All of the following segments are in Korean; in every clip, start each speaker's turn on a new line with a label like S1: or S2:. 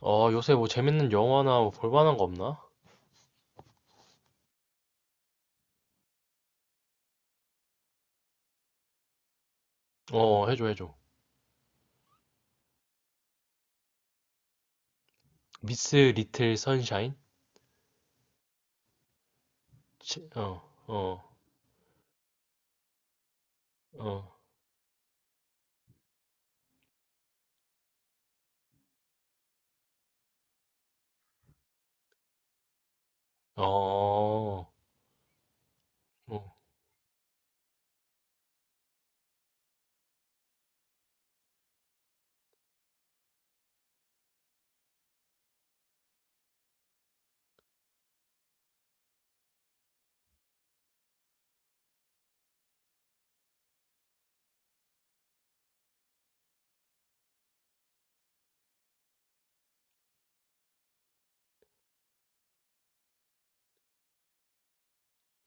S1: 요새 뭐 재밌는 영화나 뭐 볼만한 거 없나? 어, 어, 해줘, 해줘. 미스 리틀 선샤인? 어, 어, 어, 어, 어,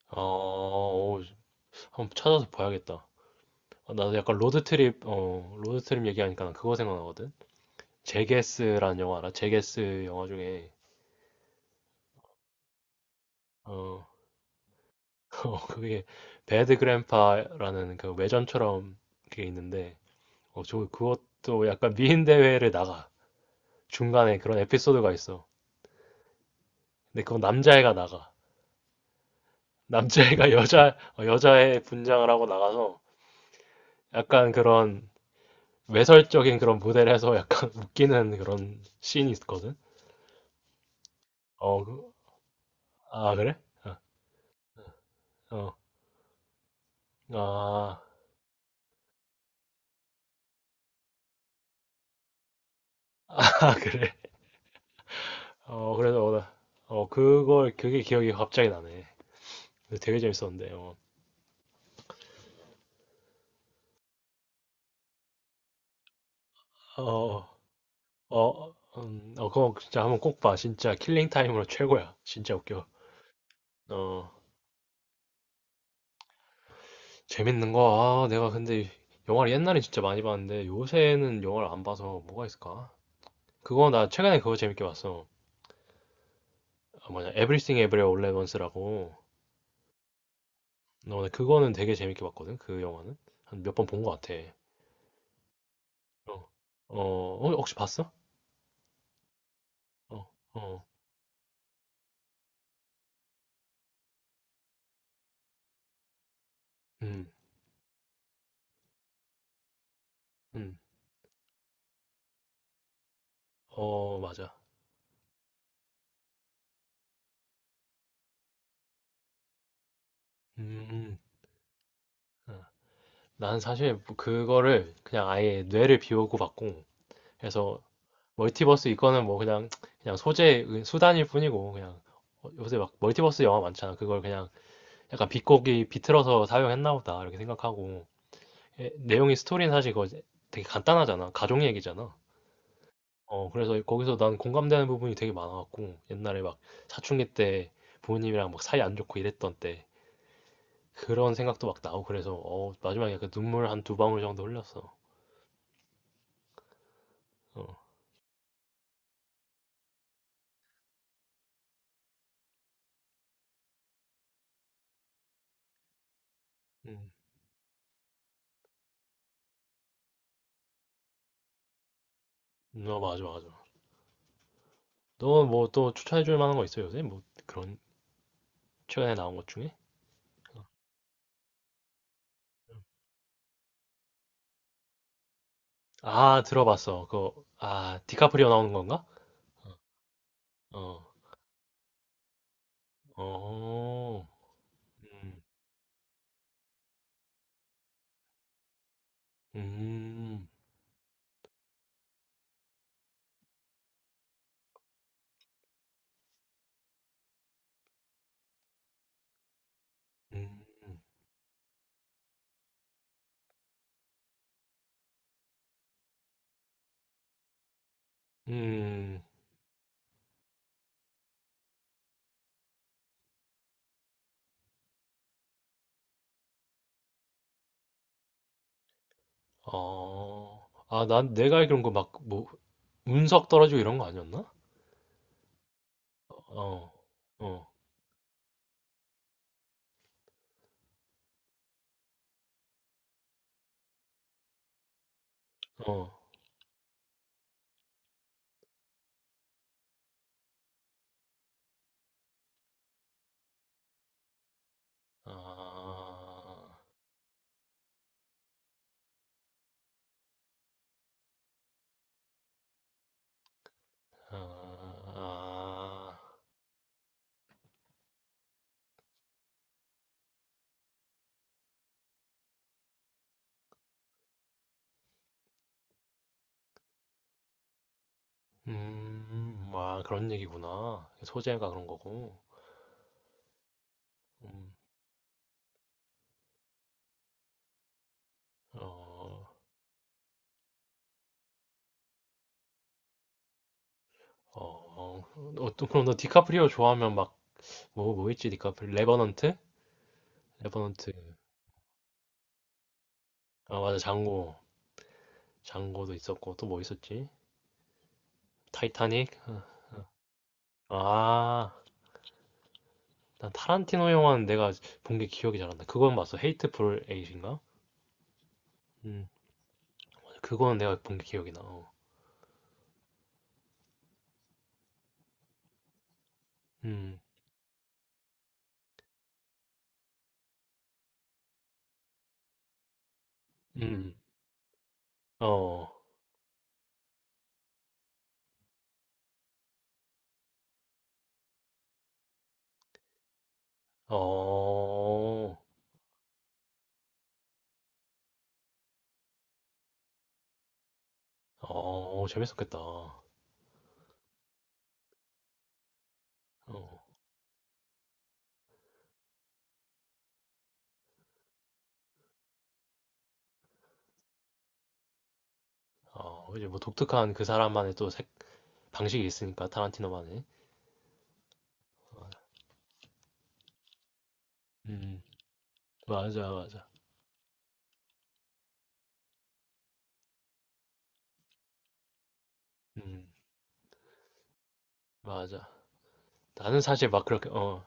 S1: 어. 오, 한번 찾아서 봐야겠다. 아, 나도 약간 로드트립 얘기하니까 난 그거 생각나거든? 제게스라는 영화 알아? 제게스 영화 중에, 어, 그게 배드 그랜파라는 그 외전처럼 그게 있는데, 저 그것도 약간 미인 대회를 나가. 중간에 그런 에피소드가 있어. 근데 그건 남자애가 나가. 남자애가 여자애 분장을 하고 나가서 약간 그런 외설적인 그런 무대를 해서 약간 웃기는 그런 씬이 있거든? 어, 그- 아, 그래? 어, 어, 아, 아, 그래. 그래서, 그게 기억이 갑자기 나네. 근데 되게 재밌었는데. 어, 어, 어, 어. 그거 진짜 한번 꼭 봐. 진짜 킬링타임으로 최고야. 진짜 웃겨. 어. 재밌는 거, 아, 내가 근데 영화를 옛날에 진짜 많이 봤는데 요새는 영화를 안 봐서 뭐가 있을까? 그거 나 최근에 그거 재밌게 봤어. 아, 뭐냐, Everything Everywhere All at Once라고. 나 오늘 그거는 되게 재밌게 봤거든. 그 영화는 한 몇 번 본 것 같아. 어, 어, 어, 혹시 봤어? 어, 어, 음, 음, 어, 맞아. 음, 어. 난 사실 그거를 그냥 아예 뇌를 비우고 봤고, 그래서 멀티버스 이거는 뭐 그냥 소재 수단일 뿐이고 그냥 요새 막 멀티버스 영화 많잖아. 그걸 그냥 약간 비꼬기 비틀어서 사용했나 보다 이렇게 생각하고 예, 내용이 스토리는 사실 그거 되게 간단하잖아. 가족 얘기잖아. 그래서 거기서 난 공감되는 부분이 되게 많아갖고 옛날에 막 사춘기 때 부모님이랑 막 사이 안 좋고 이랬던 때 그런 생각도 막 나고 그래서 마지막에 약간 눈물 한 두 방울 정도 흘렸어. 어, 음, 어 맞아 맞아. 너 뭐 또 추천해줄 만한 거 있어 요새 뭐 그런 최근에 나온 것 중에? 어. 아, 들어봤어. 아, 디카프리오 나오는 건가? 어, 어, 음, 음, 음, 음, 어. 아, 난 내가 알기로는 그 막, 뭐, 운석 떨어지고 이런 거 아니었나? 어, 어, 어. 아, 아, 아. 아, 그런 얘기구나. 소재가 그런 거고. 음, 어. 어, 어떤 그럼 너 디카프리오 좋아하면 막 뭐 뭐 있지 디카프리 레버넌트? 레버넌트. 아, 맞아, 장고. 장고도 있었고 또 뭐 있었지? 타이타닉. 아, 아, 난 타란티노 영화는 내가 본 게 기억이 잘 안 나. 그건 봤어. 헤이트풀 에잇인가? 음, 맞아. 그거는 내가 본 게 기억이 나. 어. 음, 음, 음. 어, 어, 어, 어, 재밌었겠다. 어, 어, 이제 뭐 독특한 그 사람만의 또 색, 방식이 있으니까 타란티노만의. 음, 맞아, 맞아. 음, 맞아. 나는 사실 막 그렇게,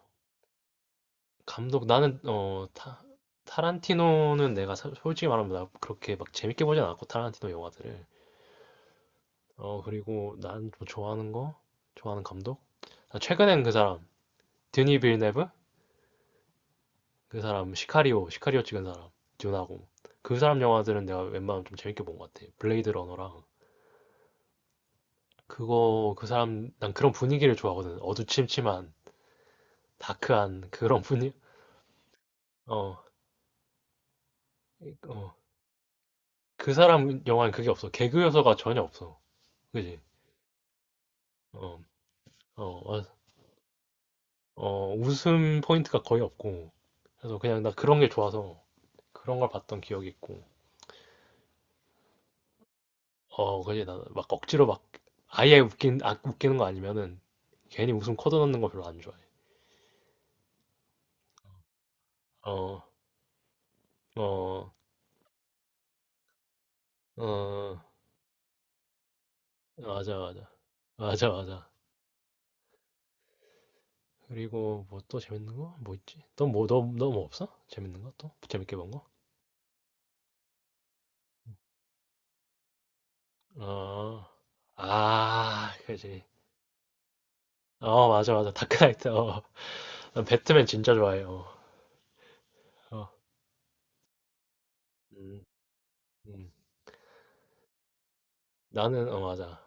S1: 감독, 나는, 타란티노는 내가 솔직히 말하면 나 그렇게 막 재밌게 보진 않았고, 타란티노 영화들을. 그리고 난 좀 좋아하는 거? 좋아하는 감독? 나 최근엔 그 사람, 드니 빌네브? 그 사람, 시카리오, 시카리오 찍은 사람, 듄하고. 그 사람 영화들은 내가 웬만하면 좀 재밌게 본 것 같아. 블레이드 러너랑. 난 그런 분위기를 좋아하거든. 어두침침한, 다크한 그런 분위, 어, 어. 그 사람 영화는 그게 없어. 개그 요소가 전혀 없어. 그지? 어, 어, 어, 어. 웃음 포인트가 거의 없고. 그래서 그냥 나 그런 게 좋아서 그런 걸 봤던 기억이 있고. 그지? 나 막 억지로 막 아예 웃기는 거 아니면은 괜히 웃음 코드 넣는 거 별로 안 좋아해. 어, 어, 어, 맞아, 맞아. 맞아, 맞아. 그리고 뭐 또 재밌는 거? 뭐 있지? 너 뭐 없어? 재밌는 거 또? 재밌게 본 거? 어, 아, 그지. 어, 맞아, 맞아. 다크나이트. 어. 난 배트맨 진짜 좋아해. 어, 어. 음, 음. 맞아.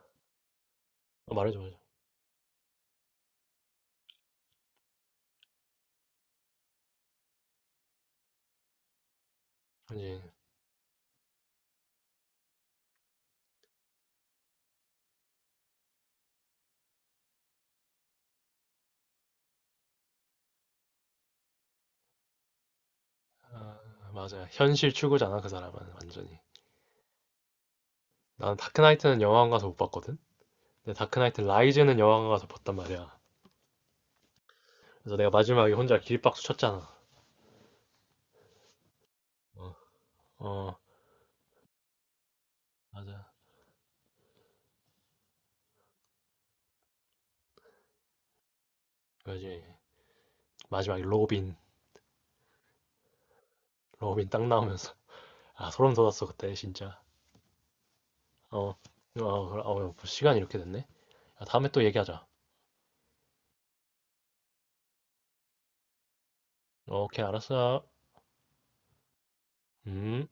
S1: 어, 말해줘, 말해줘. 아니, 아, 맞아. 현실 추구잖아, 그 사람은. 완전히. 나는 다크나이트는 영화관 가서 못 봤거든? 근데 다크나이트 라이즈는 영화관 가서 봤단 말이야. 그래서 내가 마지막에 혼자 길박수 쳤잖아. 어, 어, 맞아. 그지. 마지막에 로빈 딱 나오면서. 아, 소름 돋았어, 그때, 진짜. 어, 어, 그래. 시간이 이렇게 됐네. 야, 다음에 또 얘기하자. 어, 오케이, 알았어. 음.